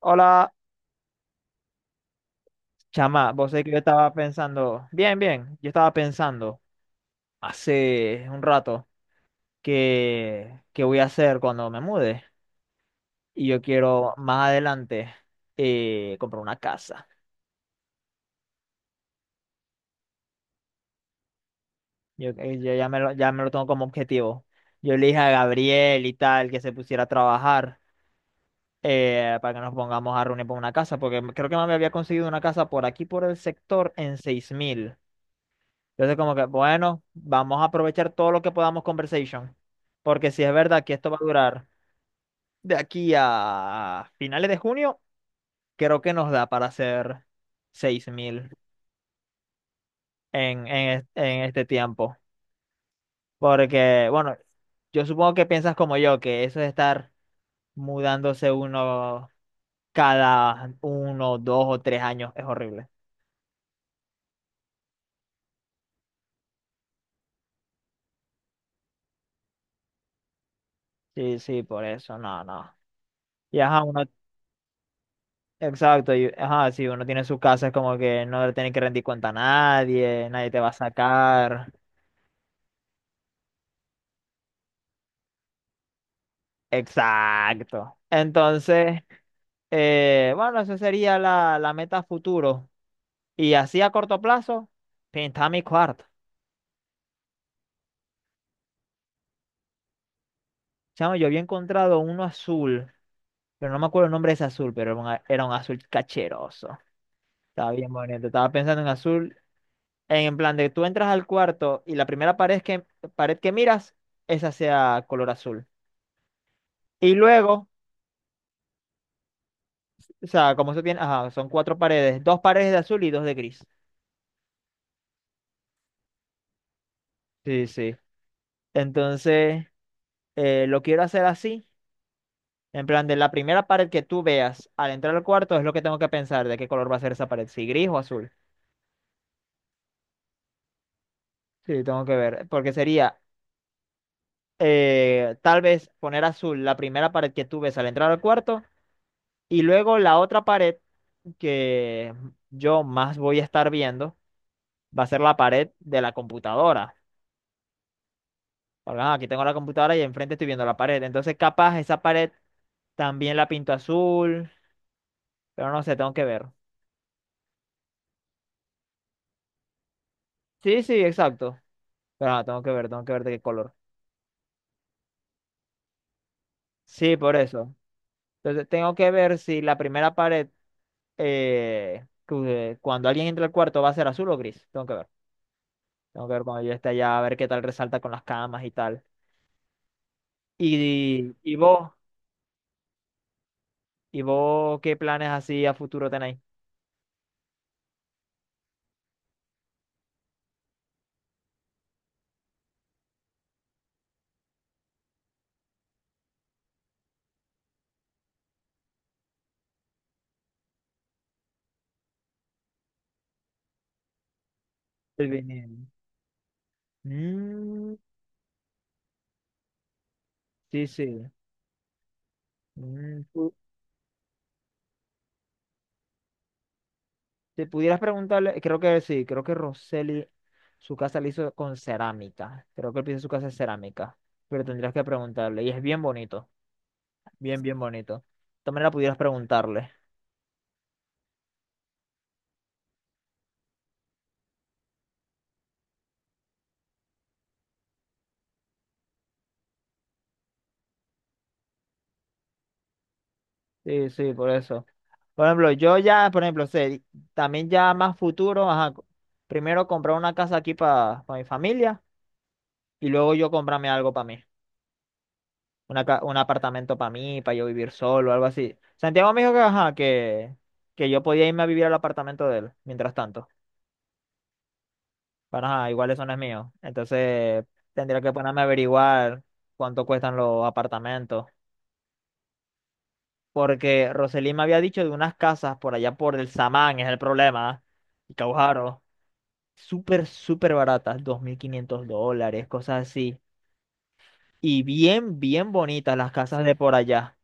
Hola, chama, vos sé que yo estaba pensando, hace un rato que voy a hacer cuando me mude y yo quiero más adelante, comprar una casa. Yo ya me lo tengo como objetivo. Yo le dije a Gabriel y tal que se pusiera a trabajar, para que nos pongamos a reunir por una casa, porque creo que me había conseguido una casa por aquí, por el sector, en 6.000. Entonces, como que, bueno, vamos a aprovechar todo lo que podamos conversation. Porque si es verdad que esto va a durar de aquí a finales de junio, creo que nos da para hacer 6.000 en este tiempo. Porque, bueno, yo supongo que piensas como yo, que eso es estar mudándose uno cada uno, 2 o 3 años es horrible. Sí, sí, por eso, no, no. Y ajá, uno. Exacto, y, ajá, si uno tiene su casa es como que no le tiene que rendir cuenta a nadie, nadie te va a sacar. Exacto. Entonces, bueno, esa sería la meta a futuro. Y así a corto plazo, pintaba mi cuarto. Chamo, yo había encontrado uno azul, pero no me acuerdo el nombre de ese azul, pero era un azul cacheroso. Estaba bien bonito, estaba pensando en azul, en plan de tú entras al cuarto y la primera pared que miras, esa sea color azul. Y luego. O sea, como eso tiene, ajá, son cuatro paredes, dos paredes de azul y dos de gris. Sí, sí. Entonces, lo quiero hacer así, en plan de la primera pared que tú veas al entrar al cuarto es lo que tengo que pensar de qué color va a ser esa pared, si gris o azul. Sí, tengo que ver, porque sería, tal vez poner azul la primera pared que tú ves al entrar al cuarto y luego la otra pared que yo más voy a estar viendo va a ser la pared de la computadora. Ah, aquí tengo la computadora y enfrente estoy viendo la pared. Entonces, capaz esa pared también la pinto azul, pero no sé, tengo que ver. Sí, sí, exacto. Pero tengo que ver de qué color. Sí, por eso. Entonces, tengo que ver si la primera pared, cuando alguien entre al cuarto, va a ser azul o gris. Tengo que ver. Tengo que ver cuando yo esté allá, a ver qué tal resalta con las camas y tal. Y, y vos, y vos, ¿qué planes así a futuro tenéis? El vinil. Mm, sí, sí. Mm, fu- Si pudieras preguntarle, creo que sí, creo que Roseli, su casa la hizo con cerámica. Creo que el piso de su casa es cerámica. Pero tendrías que preguntarle. Y es bien bonito. Bien, bien bonito. También la pudieras preguntarle. Sí, sí, por eso. Por ejemplo, yo ya, por ejemplo, sé, también ya más futuro, ajá, primero comprar una casa aquí para mi familia y luego yo comprarme algo para mí. Un apartamento para mí, para yo vivir solo, algo así. Santiago me dijo que, ajá, que yo podía irme a vivir al apartamento de él, mientras tanto. Bueno, ajá, iguales son los míos. Entonces tendría que ponerme a averiguar cuánto cuestan los apartamentos. Porque Roselín me había dicho de unas casas por allá por el Samán, es el problema. Y Caujaro. Súper, súper baratas, $2.500, cosas así. Y bien, bien bonitas las casas de por allá.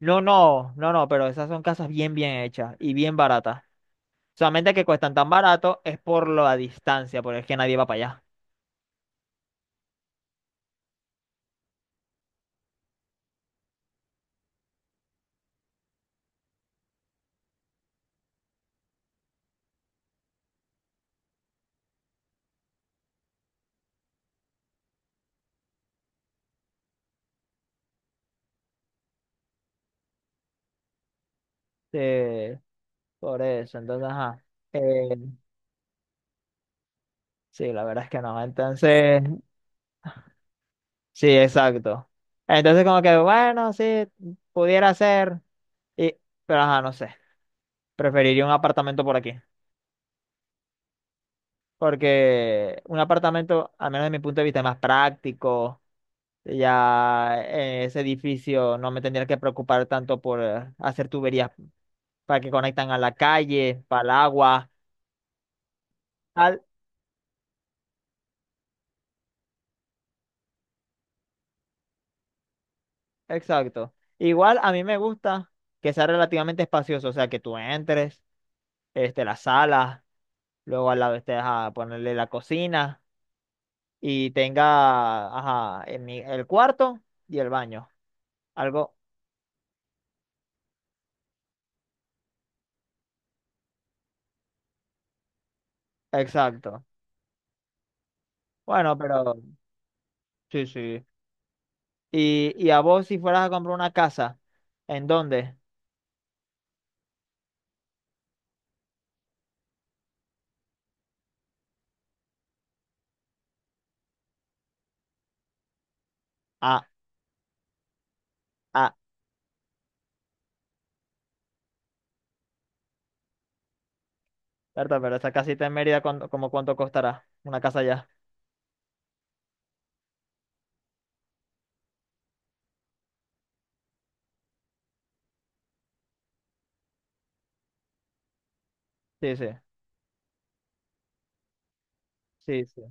No, no, no, no, pero esas son casas bien, bien hechas y bien baratas. Solamente que cuestan tan barato es por la distancia, porque es que nadie va para allá. Sí, por eso, entonces, ajá. eh, Sí, la verdad es que no. Entonces, sí, exacto. Entonces, como que, bueno, sí, pudiera ser. Y, pero ajá, no sé. Preferiría un apartamento por aquí. Porque un apartamento, al menos de mi punto de vista, es más práctico. Ya en ese edificio no me tendría que preocupar tanto por, hacer tuberías para que conectan a la calle, para el agua, tal. Exacto. Igual a mí me gusta que sea relativamente espacioso, o sea, que tú entres, este, la sala. Luego al lado esté, ajá, ponerle la cocina y tenga, ajá, el, ni- el cuarto y el baño. Algo. Exacto. Bueno, pero sí, sí. Y a vos si fueras a comprar una casa, ¿en dónde? Ah, ah, verdad, pero esa casita en Mérida, ¿como cuánto costará? Una casa allá. Sí, sí, sí, sí.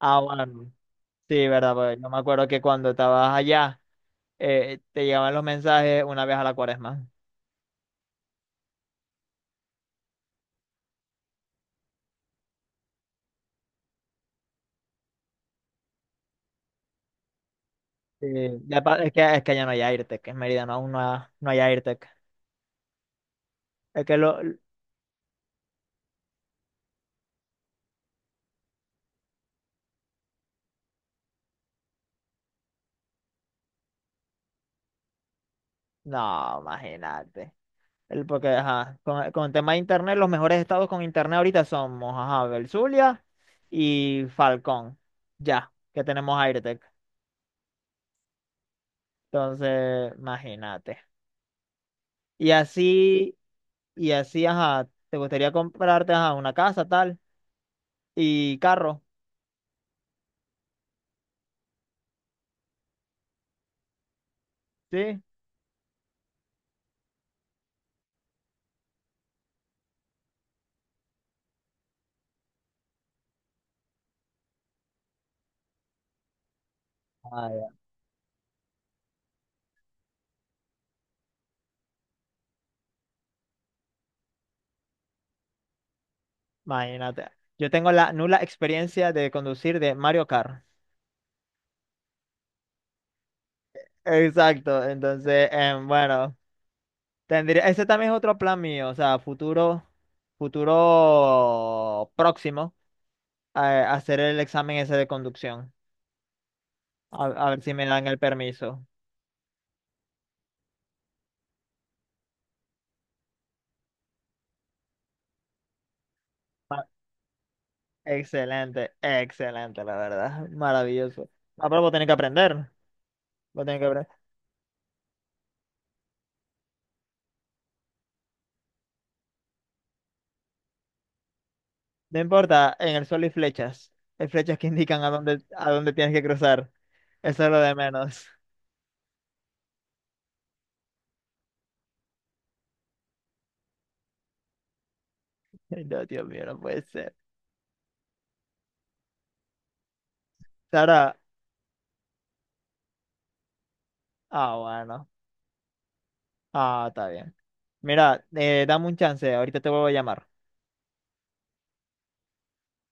Ah, bueno. Sí, verdad, pues yo me acuerdo que cuando estabas allá, te llegaban los mensajes una vez a la cuaresma. Sí, ya es que ya no hay AirTech, en Mérida no, aún no, no hay AirTech. Es que lo. No, imagínate. Porque, ajá, con el tema de internet, los mejores estados con internet ahorita somos, ajá, Belzulia y Falcón. Ya, que tenemos AirTech. Entonces, imagínate. Y así, y así, ajá, te gustaría comprarte, ajá, una casa, tal, y carro, ¿sí? Ah, ya. Imagínate. Yo tengo la nula experiencia de conducir de Mario Kart. Exacto, entonces, bueno, tendría, ese también es otro plan mío, o sea, futuro, futuro próximo, hacer el examen ese de conducción, a ver si me dan el permiso. Ma- Excelente, excelente, la verdad, maravilloso. Ah, pero vos tenés que aprender, vos tenés que aprender. No importa, en el sol hay flechas que indican a dónde tienes que cruzar, eso es lo de menos. No, Dios mío, no puede ser. Sara, ah, bueno, ah, está bien. Mira, dame un chance, ahorita te vuelvo a llamar.